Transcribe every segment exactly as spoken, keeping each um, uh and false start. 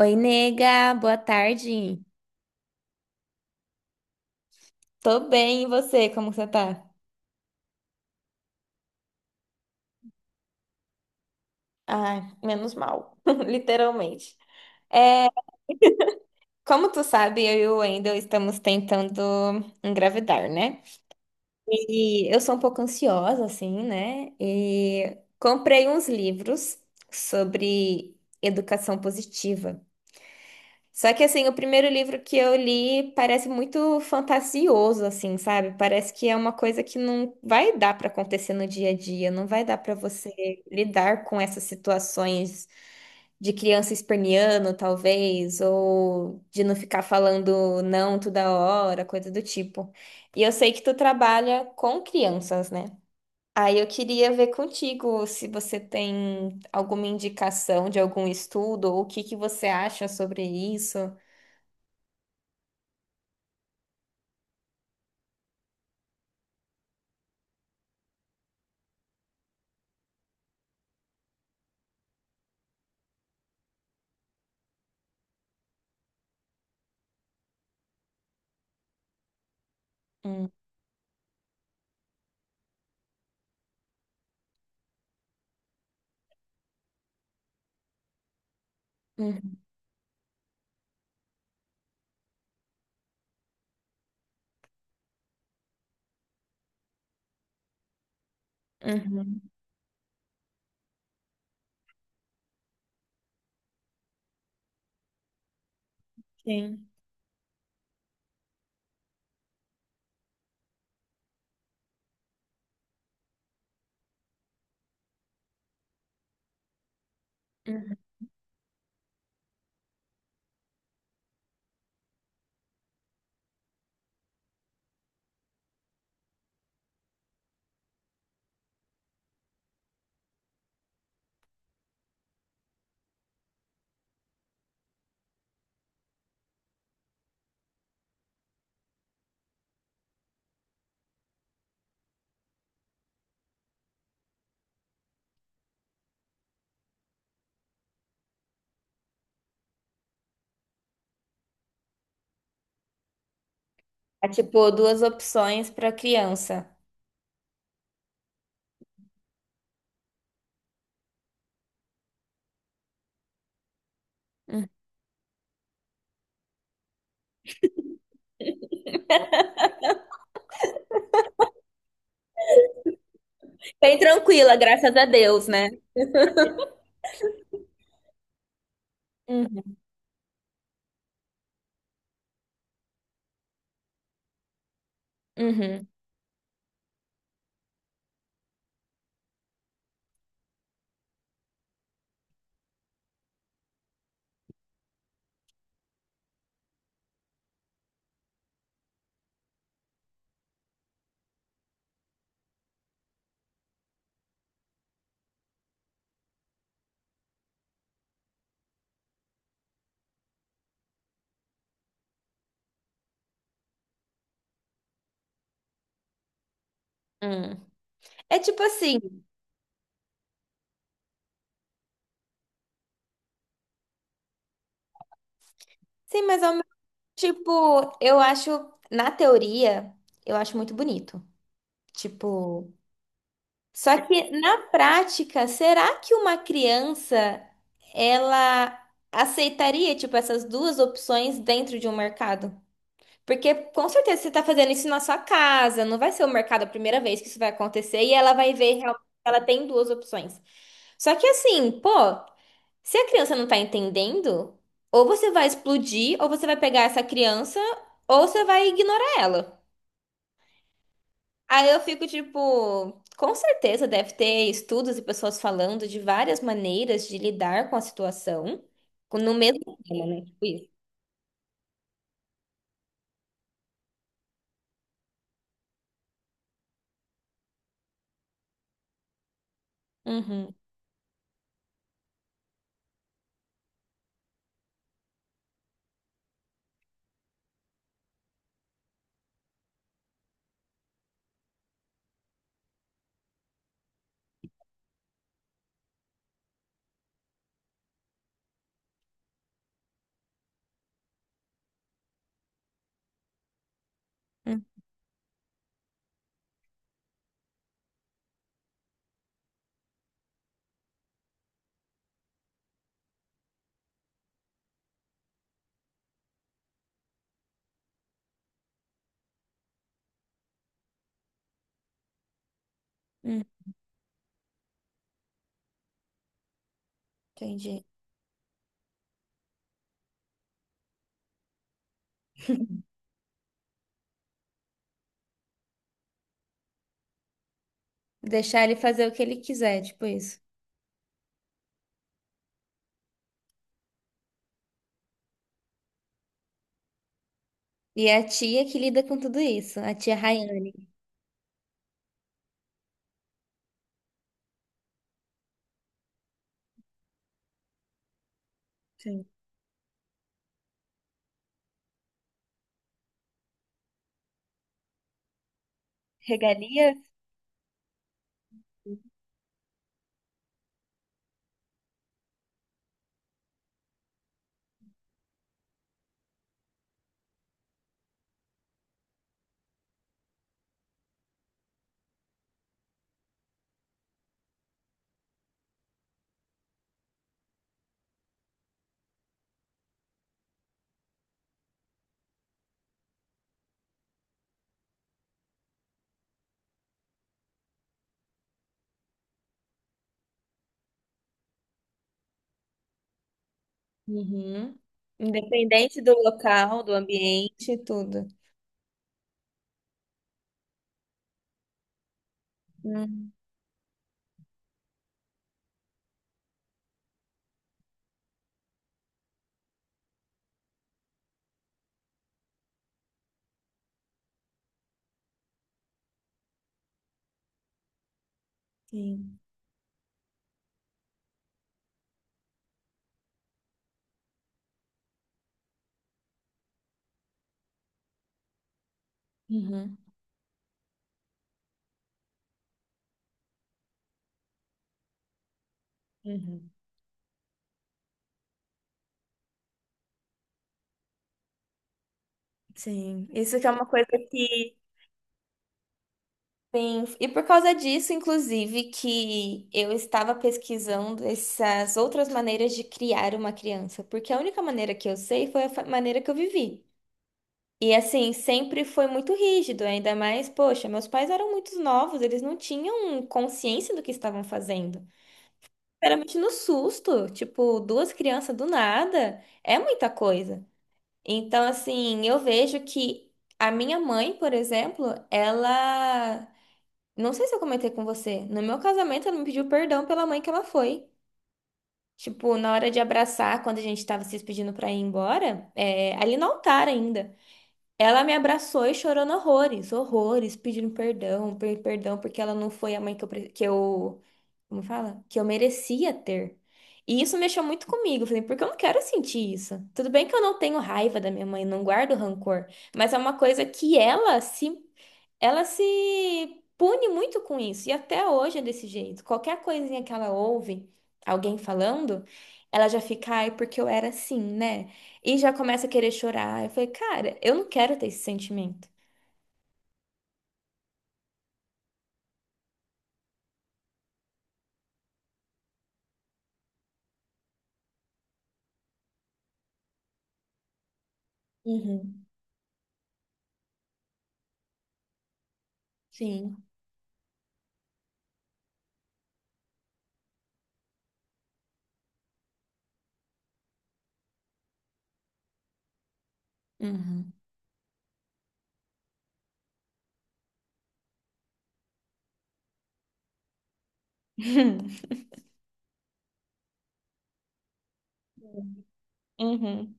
Oi, nega, boa tarde. Tô bem, e você? Como você tá? Ai, menos mal, literalmente. É, como tu sabe, eu e o Wendel estamos tentando engravidar, né? E eu sou um pouco ansiosa, assim, né? E comprei uns livros sobre educação positiva. Só que assim, o primeiro livro que eu li parece muito fantasioso, assim, sabe? Parece que é uma coisa que não vai dar para acontecer no dia a dia, não vai dar para você lidar com essas situações de criança esperneando, talvez, ou de não ficar falando não toda hora, coisa do tipo. E eu sei que tu trabalha com crianças, né? Aí eu queria ver contigo se você tem alguma indicação de algum estudo ou o que que você acha sobre isso. Hum. Uhum. Uhum. Sim. Uhum. É tipo duas opções para criança. Uhum. Bem tranquila, graças a Deus, né? Uhum. Uhum. Uhum. É tipo assim. Sim, mas ao mesmo, tipo, eu acho, na teoria, eu acho muito bonito. Tipo, só que na prática, será que uma criança ela aceitaria, tipo, essas duas opções dentro de um mercado? Porque com certeza você está fazendo isso na sua casa, não vai ser o mercado a primeira vez que isso vai acontecer e ela vai ver realmente que ela tem duas opções. Só que assim, pô, se a criança não tá entendendo, ou você vai explodir, ou você vai pegar essa criança, ou você vai ignorar ela. Aí eu fico tipo, com certeza deve ter estudos e pessoas falando de várias maneiras de lidar com a situação, com- no mesmo tema, né? Tipo isso. Uhum. Hum, hum, entendi. Deixar ele fazer o que ele quiser, tipo isso. E é a tia que lida com tudo isso, a tia Rayane. Sim. Regalias. Uhum. Independente do local, do ambiente, tudo. Hum. Sim. Uhum. Uhum. Sim. Isso que é uma coisa que tem. E por causa disso, inclusive, que eu estava pesquisando essas outras maneiras de criar uma criança. Porque a única maneira que eu sei foi a fa- maneira que eu vivi. E assim, sempre foi muito rígido, ainda mais, poxa, meus pais eram muito novos, eles não tinham consciência do que estavam fazendo. Geralmente no susto, tipo, duas crianças do nada, é muita coisa. Então, assim, eu vejo que a minha mãe, por exemplo, ela. Não sei se eu comentei com você, no meu casamento ela me pediu perdão pela mãe que ela foi. Tipo, na hora de abraçar, quando a gente tava se despedindo pra ir embora, é, ali no altar ainda. Ela me abraçou e chorando horrores, horrores, pedindo perdão, per- perdão, porque ela não foi a mãe que eu, pre- que eu, como fala? Que eu merecia ter. E isso mexeu muito comigo, eu falei, porque eu não quero sentir isso. Tudo bem que eu não tenho raiva da minha mãe, não guardo rancor, mas é uma coisa que ela se ela se pune muito com isso, e até hoje é desse jeito. Qualquer coisinha que ela ouve alguém falando, ela já fica, ai, porque eu era assim, né? E já começa a querer chorar. Eu falei, cara, eu não quero ter esse sentimento. Uhum. Sim. Uhum. Uhum. Uhum.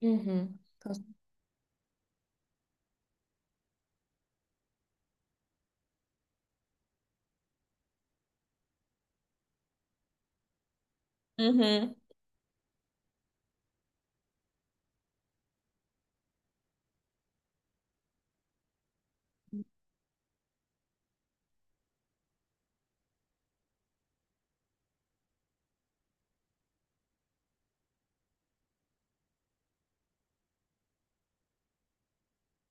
Uhum. Com. Uhum.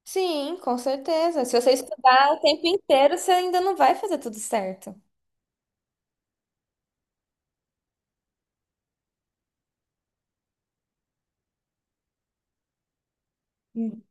Sim, com certeza. Se você estudar o tempo inteiro, você ainda não vai fazer tudo certo. Hum.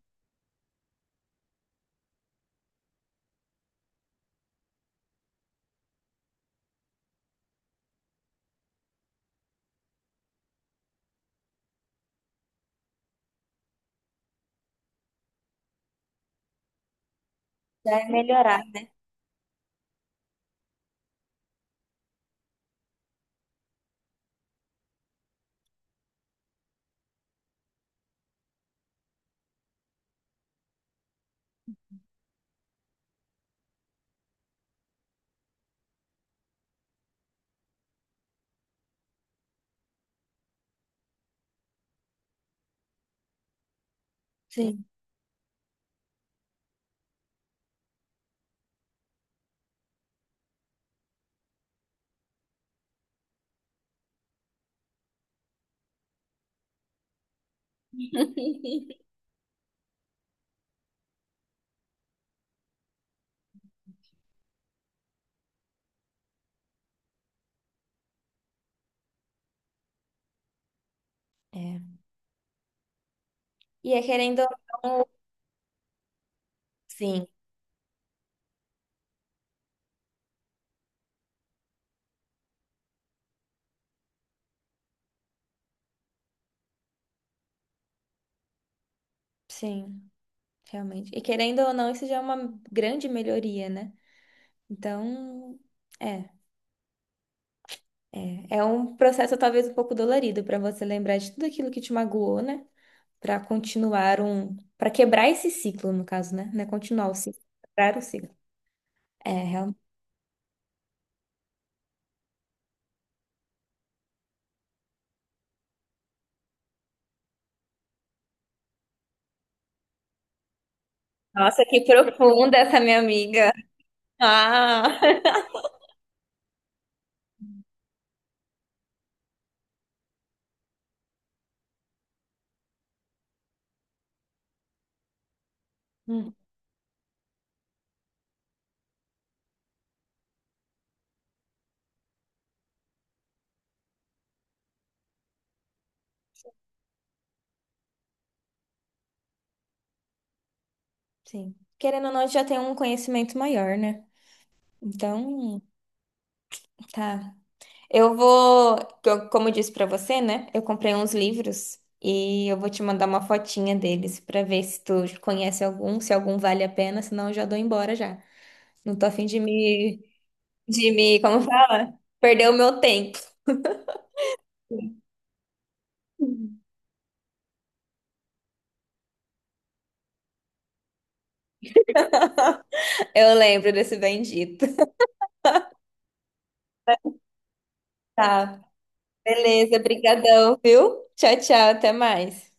Vai melhorar. Sim. É. E é querendo ou não, sim, sim, realmente. E querendo ou não, isso já é uma grande melhoria, né? Então, é, é, é um processo talvez um pouco dolorido para você lembrar de tudo aquilo que te magoou, né? Para continuar um, para quebrar esse ciclo, no caso, né? Não é continuar o ciclo, é quebrar o ciclo. É, realmente. Nossa, que profunda essa minha amiga. Ah. Hum, sim. Querendo ou não, a gente já tem um conhecimento maior, né? Então, tá. Eu vou, eu- como eu disse pra você, né? Eu comprei uns livros e eu vou te mandar uma fotinha deles pra ver se tu conhece algum, se algum vale a pena, senão eu já dou embora já. Não tô a fim de me, de me, como fala? Perder o meu tempo. Eu lembro desse bendito. Tá, beleza, brigadão, viu? Tchau, tchau, até mais.